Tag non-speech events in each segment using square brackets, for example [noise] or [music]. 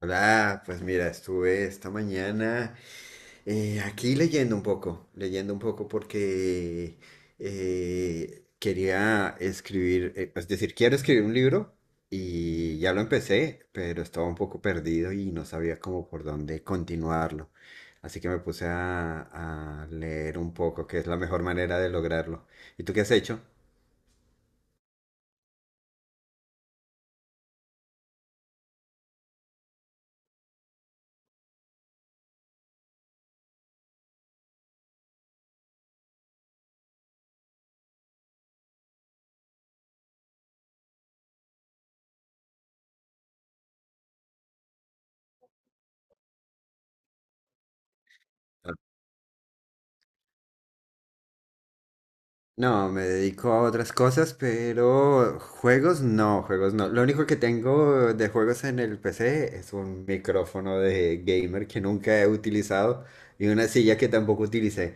Hola, pues mira, estuve esta mañana aquí leyendo un poco porque quería escribir, es decir, quiero escribir un libro y ya lo empecé, pero estaba un poco perdido y no sabía cómo por dónde continuarlo. Así que me puse a leer un poco, que es la mejor manera de lograrlo. ¿Y tú qué has hecho? No, me dedico a otras cosas, pero juegos no, juegos no. Lo único que tengo de juegos en el PC es un micrófono de gamer que nunca he utilizado y una silla que tampoco utilicé.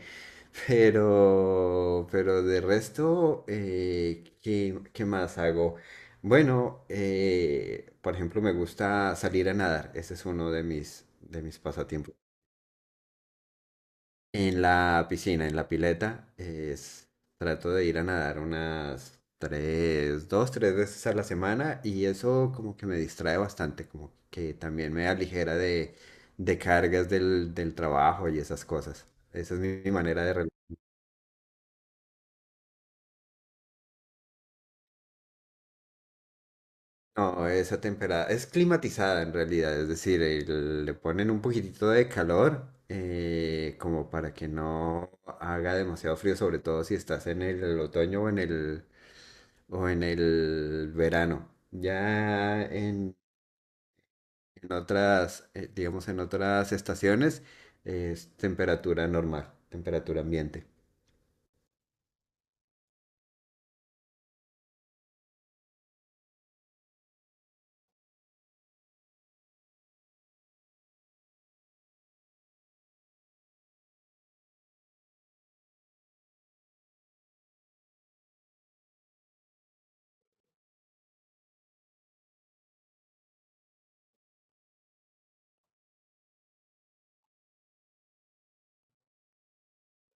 Pero de resto, ¿qué, qué más hago? Bueno, por ejemplo, me gusta salir a nadar. Ese es uno de mis pasatiempos en la piscina, en la pileta, es, trato de ir a nadar unas tres, dos, tres veces a la semana y eso como que me distrae bastante, como que también me aligera de cargas del, del trabajo y esas cosas. Esa es mi, mi manera de rela- No, esa temporada es climatizada en realidad, es decir, el- le ponen un poquitito de calor, como para que no haga demasiado frío, sobre todo si estás en el otoño o en el verano. Ya en otras, digamos, en otras estaciones es temperatura normal, temperatura ambiente.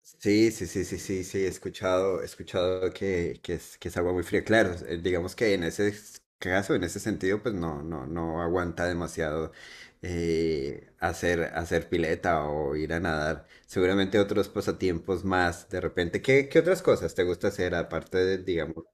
Sí, sí, sí, sí, sí, sí, he escuchado que es agua muy fría. Claro, digamos que en ese s- caso, en ese sentido, pues no, no, no aguanta demasiado hacer, hacer pileta o ir a nadar. Seguramente otros pasatiempos más, de repente. ¿Qué, qué otras cosas te gusta hacer aparte de, digamos,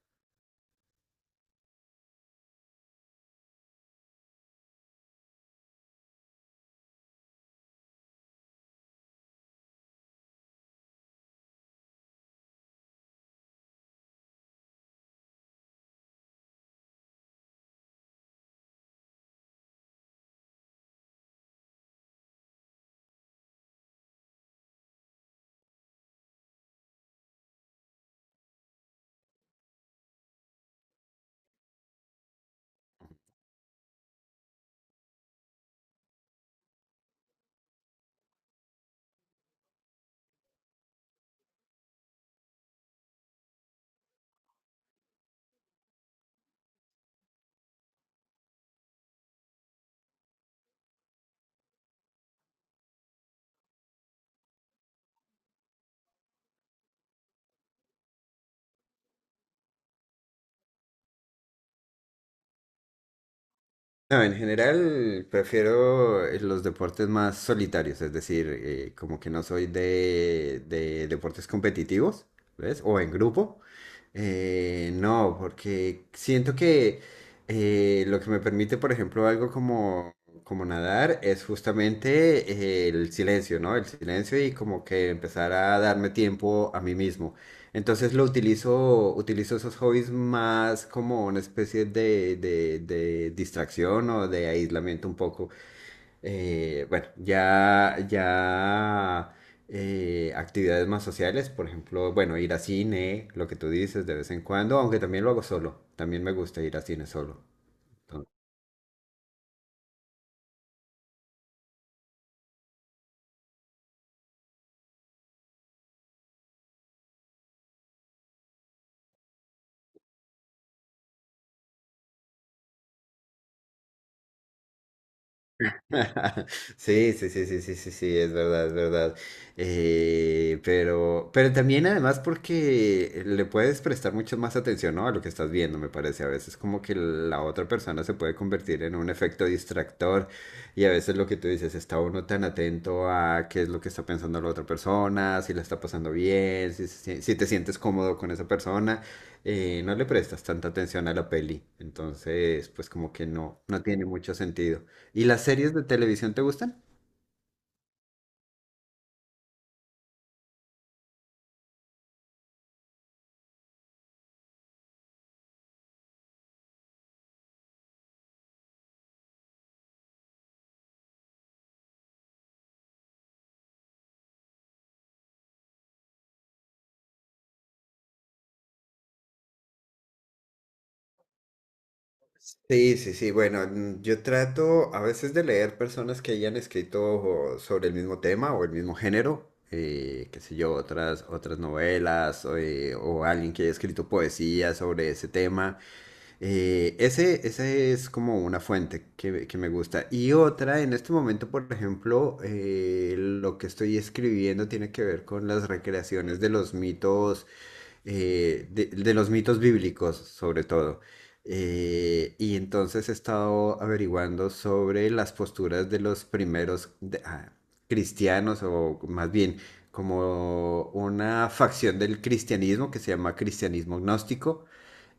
No, en general prefiero los deportes más solitarios, es decir, como que no soy de deportes competitivos, ¿ves? O en grupo. No, porque siento que lo que me permite, por ejemplo, algo como, como nadar es justamente, el silencio, ¿no? El silencio y como que empezar a darme tiempo a mí mismo. Entonces lo utilizo, utilizo esos hobbies más como una especie de distracción o de aislamiento un poco. Bueno, ya, ya actividades más sociales, por ejemplo, bueno, ir a cine, lo que tú dices de vez en cuando, aunque también lo hago solo. También me gusta ir a cine solo. [laughs] Sí, sí, sí, sí, sí, sí, sí, es verdad, es verdad. Pero también además porque le puedes prestar mucho más atención, ¿no?, a lo que estás viendo, me parece. A veces como que la otra persona se puede convertir en un efecto distractor y a veces lo que tú dices, está uno tan atento a qué es lo que está pensando la otra persona, si la está pasando bien, si, si- si te sientes cómodo con esa persona, no le prestas tanta atención a la peli. Entonces, pues como que no, no tiene mucho sentido. ¿Y las series de televisión te gustan? Sí, sí, sí. Bueno, mm, yo trato a veces de leer personas que hayan escrito sobre el mismo tema o el mismo género, qué sé yo, otras, otras novelas o alguien que haya escrito poesía sobre ese tema. Ese, ese es como una fuente que me gusta. Y otra, en este momento, por ejemplo, lo que estoy escribiendo tiene que ver con las recreaciones de los mitos bíblicos, sobre todo. Y entonces he estado averiguando sobre las posturas de los primeros de- ah, cristianos, o más bien como una facción del cristianismo que se llama cristianismo gnóstico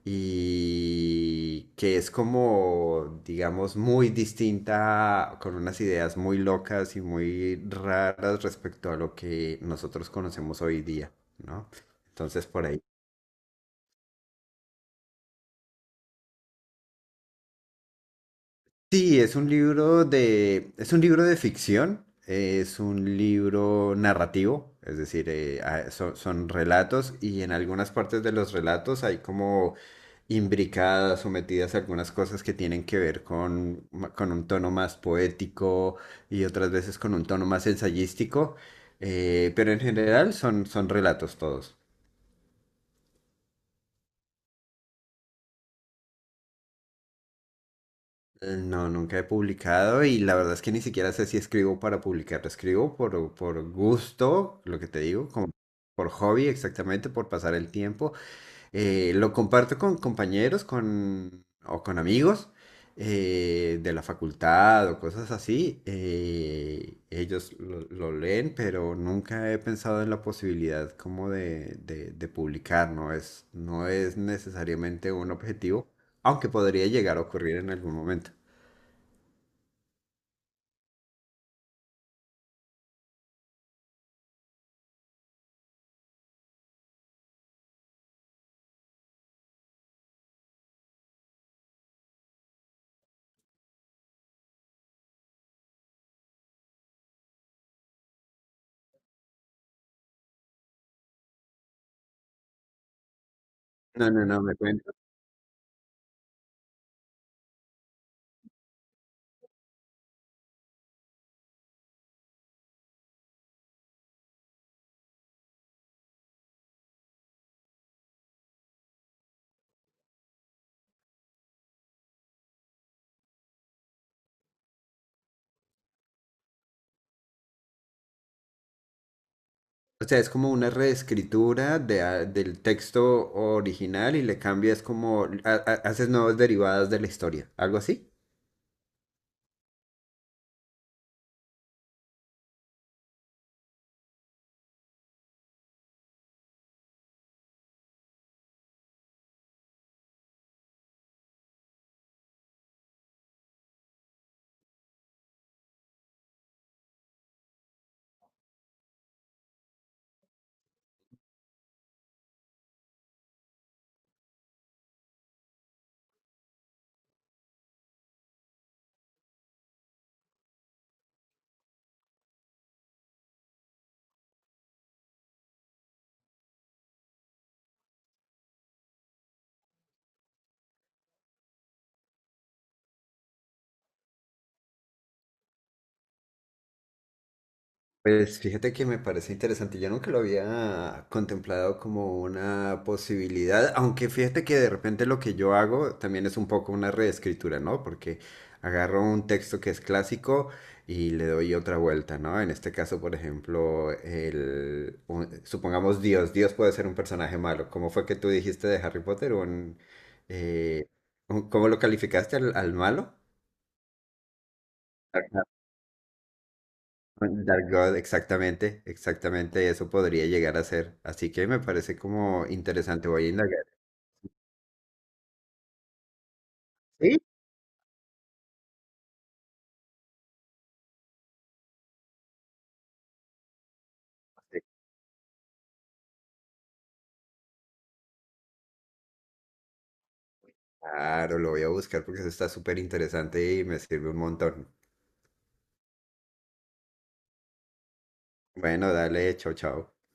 y que es como, digamos, muy distinta, con unas ideas muy locas y muy raras respecto a lo que nosotros conocemos hoy día, ¿no? Entonces por ahí. Sí, es un libro de, es un libro de ficción, es un libro narrativo, es decir, ah, so- son, relatos y en algunas partes de los relatos hay como imbricadas o metidas algunas cosas que tienen que ver con, ma- con un tono más poético y otras veces con un tono más ensayístico, pero en general son, son relatos todos. No, nunca he publicado y la verdad es que ni siquiera sé si escribo para publicar. Escribo por gusto, lo que te digo, como por hobby exactamente, por pasar el tiempo. Lo comparto con compañeros con, o con amigos, de la facultad o cosas así. Ellos lo leen, pero nunca he pensado en la posibilidad como de publicar. No es, no es necesariamente un objetivo, aunque podría llegar a ocurrir en algún momento. No, no, no, me cuento. O sea, es como una reescritura de, a- del texto original y le cambias como, ha- ha- haces nuevas derivadas de la historia, algo así. Pues fíjate que me parece interesante. Yo nunca lo había contemplado como una posibilidad, aunque fíjate que de repente lo que yo hago también es un poco una reescritura, ¿no? Porque agarro un texto que es clásico y le doy otra vuelta, ¿no? En este caso, por ejemplo, el, un- supongamos Dios. Dios puede ser un personaje malo. ¿Cómo fue que tú dijiste de Harry Potter? Eh, un- ¿cómo lo calificaste al, al malo? Dark God, exactamente, exactamente, eso podría llegar a ser. Así que me parece como interesante, voy a indagar. Sí, sí, claro, lo voy a buscar porque eso está súper interesante y me sirve un montón. Bueno, dale, chao, chao.